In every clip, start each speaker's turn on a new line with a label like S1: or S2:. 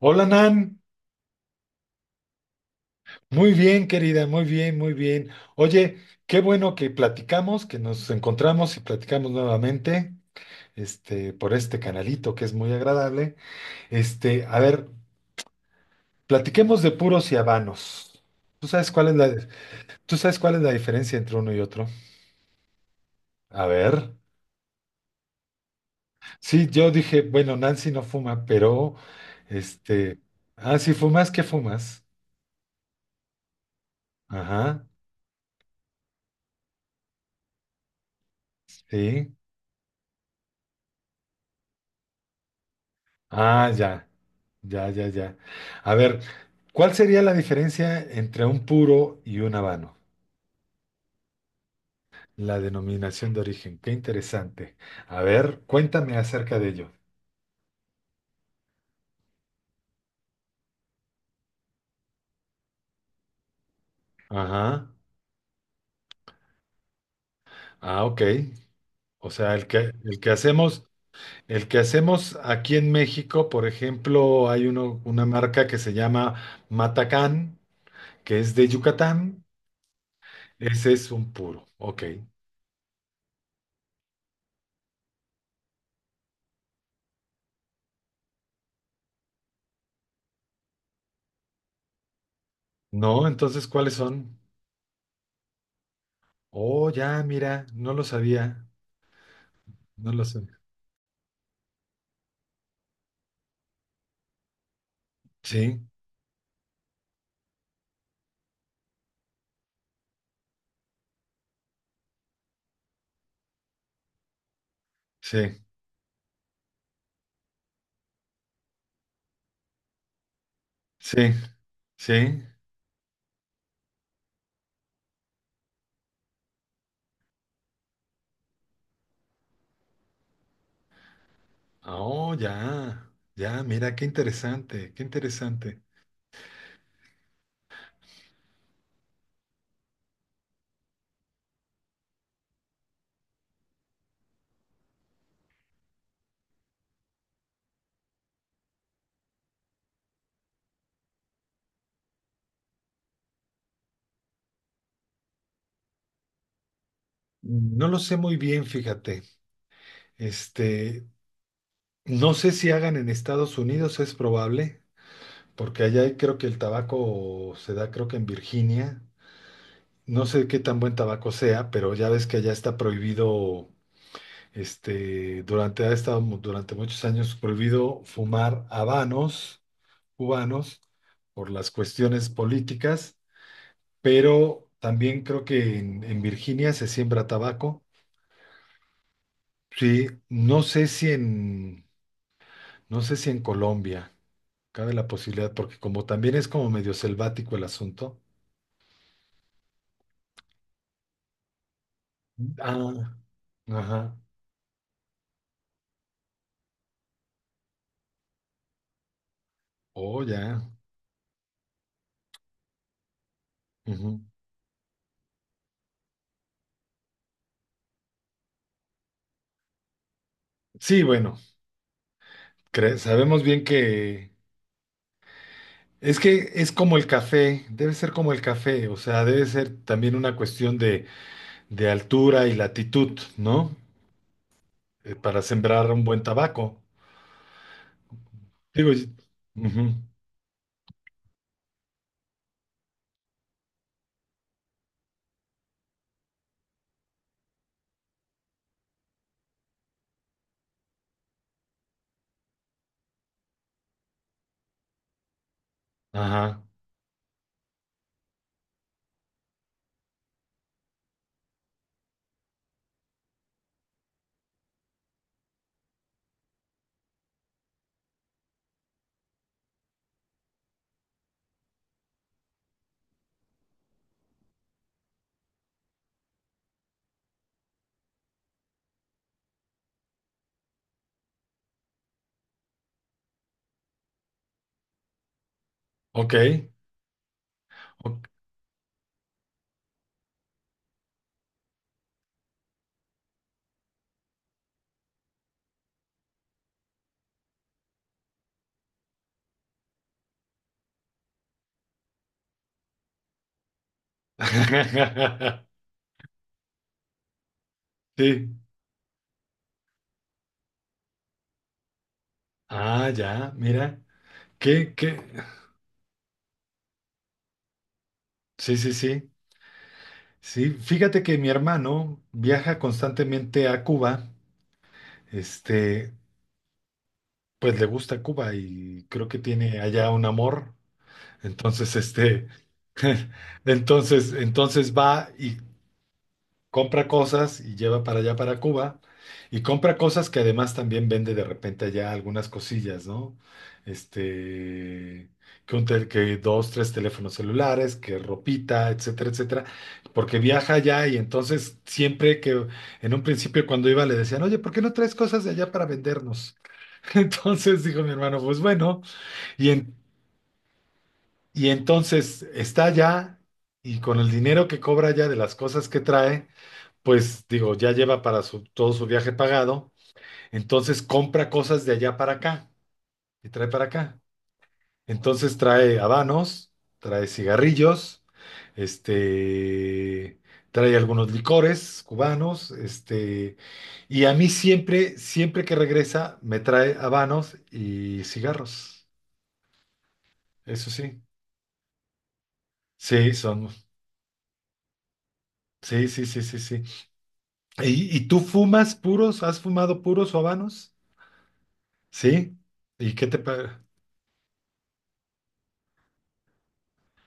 S1: Hola Nan, muy bien querida, muy bien, muy bien. Oye, qué bueno que platicamos, que nos encontramos y platicamos nuevamente, por este canalito que es muy agradable. A ver, platiquemos de puros y habanos. ¿Tú sabes cuál es tú sabes cuál es la diferencia entre uno y otro? A ver, sí, yo dije, bueno, Nancy no fuma, pero, este, ah, si fumas, ¿qué fumas? Ajá, sí. Ah, ya, ya, ya, ya. A ver, ¿cuál sería la diferencia entre un puro y un habano? La denominación de origen, qué interesante. A ver, cuéntame acerca de ello. Ajá. Ah, ok. O sea, el que hacemos aquí en México, por ejemplo, hay uno, una marca que se llama Matacán, que es de Yucatán. Ese es un puro. Ok. No, entonces, ¿cuáles son? Oh, ya, mira, no lo sabía. No lo sé. Sí, sí, sí, sí. Oh, ya, ya, mira, qué interesante, qué interesante. No lo sé muy bien, fíjate. Este, no sé si hagan en Estados Unidos, es probable, porque creo que el tabaco se da, creo que en Virginia. No sé qué tan buen tabaco sea, pero ya ves que allá está prohibido, durante muchos años prohibido fumar habanos cubanos por las cuestiones políticas, pero también creo que en Virginia se siembra tabaco. Sí, no sé si en Colombia cabe la posibilidad, porque como también es como medio selvático el asunto. Ah, ajá. Oh, ya. Ujú. Sí, bueno, sabemos bien que es como el café, debe ser como el café, o sea, debe ser también una cuestión de altura y latitud, ¿no? Eh, para sembrar un buen tabaco. Digo, y- ujú. Ajá, ok. o- Sí. Ah, ya, mira. ¿Qué, qué? Sí, sí, sí. Sí, fíjate que mi hermano viaja constantemente a Cuba. Este, pues le gusta Cuba y creo que tiene allá un amor. Entonces, entonces va y compra cosas y lleva para allá, para Cuba, y compra cosas que además también vende de repente allá algunas cosillas, ¿no? Este, que dos, tres teléfonos celulares, que ropita, etcétera, etcétera, porque viaja allá y entonces siempre que en un principio cuando iba le decían, oye, ¿por qué no traes cosas de allá para vendernos? Entonces dijo mi hermano, pues bueno, y, en- y entonces está allá y con el dinero que cobra allá de las cosas que trae, pues digo, todo su viaje pagado, entonces compra cosas de allá para acá y trae para acá. Entonces trae habanos, trae cigarrillos, este, trae algunos licores cubanos, y a mí siempre, siempre que regresa, me trae habanos y cigarros. Eso sí, sí, son, sí, sí, sí, sí, sí. Y tú fumas puros? ¿Has fumado puros o habanos? Sí. ¿Y qué te parece?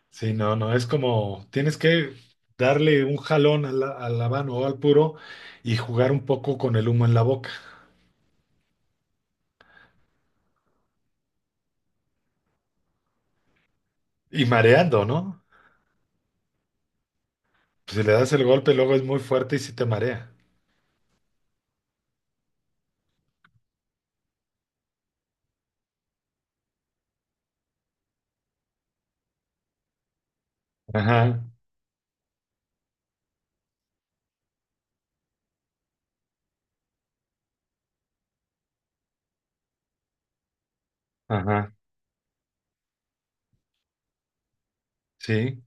S1: Sí, no, no, es como tienes que darle un jalón a a la mano o al puro y jugar un poco con el humo en la boca y mareando, ¿no? Pues, si le das el golpe, luego es muy fuerte y sí te marea. Ajá, ajá, sí,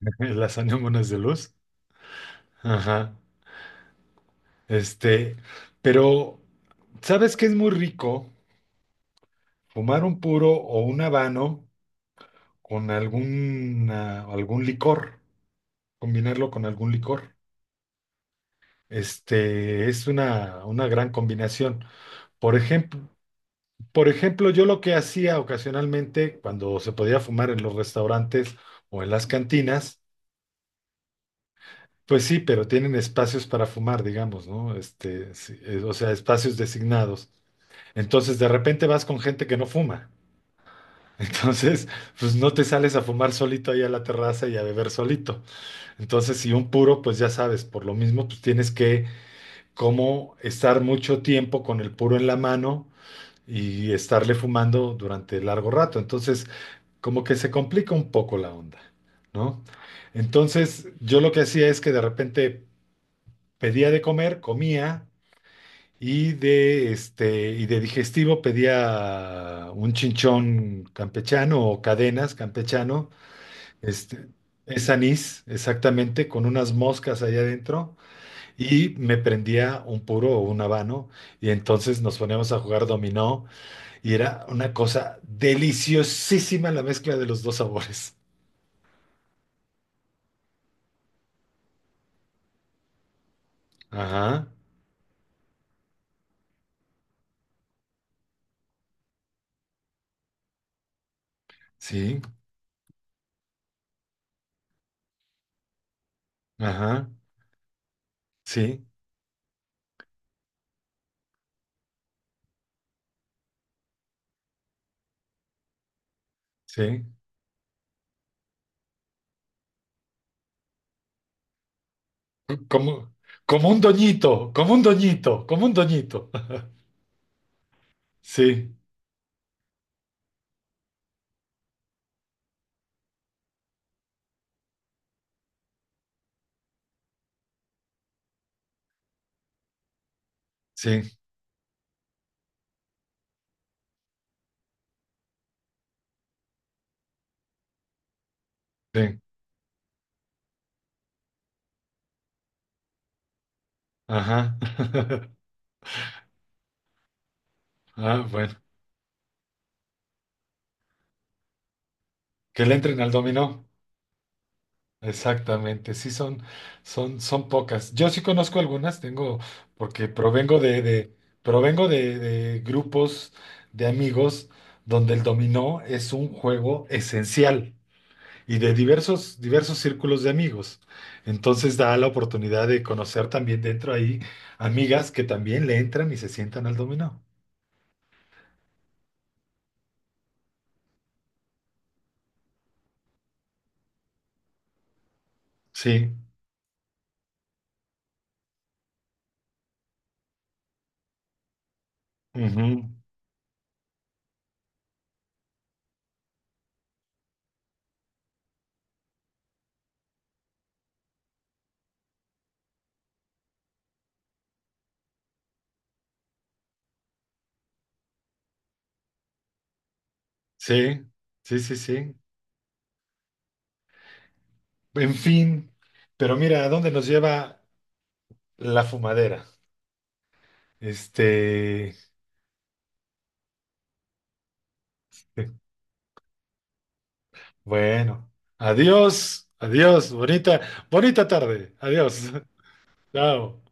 S1: las anémonas de luz. Ajá, este, pero ¿sabes qué es muy rico? Fumar un puro o un habano con algún licor, combinarlo con algún licor. Es una gran combinación. Por ejemplo, por ejemplo, yo lo que hacía ocasionalmente cuando se podía fumar en los restaurantes o en las cantinas, pues sí, pero tienen espacios para fumar, digamos, ¿no? Este, sí, o sea, espacios designados. Entonces, de repente vas con gente que no fuma. Entonces, pues no te sales a fumar solito ahí a la terraza y a beber solito. Entonces, si un puro, pues ya sabes, por lo mismo, pues tienes que como estar mucho tiempo con el puro en la mano y estarle fumando durante largo rato. Entonces, como que se complica un poco la onda, ¿no? Entonces, yo lo que hacía es que de repente pedía de comer, comía y de este y de digestivo pedía un chinchón campechano o cadenas campechano, este es anís, exactamente, con unas moscas allá adentro, y me prendía un puro o un habano, y entonces nos poníamos a jugar dominó, y era una cosa deliciosísima la mezcla de los dos sabores. Ajá, sí, ajá, sí, sí. Como, como un doñito, como un doñito, como un doñito. Sí, sí, sí, ajá. Ah, bueno, que le entren al dominó. Exactamente, son, son pocas. Yo sí conozco algunas, porque provengo de grupos de amigos donde el dominó es un juego esencial y de diversos, diversos círculos de amigos. Entonces da la oportunidad de conocer también dentro ahí amigas que también le entran y se sientan al dominó. Sí, ujú, sí, sí, sí, sí. En fin, pero mira, ¿a dónde nos lleva la fumadera? Este, bueno, adiós, adiós, bonita, bonita tarde, adiós, chao.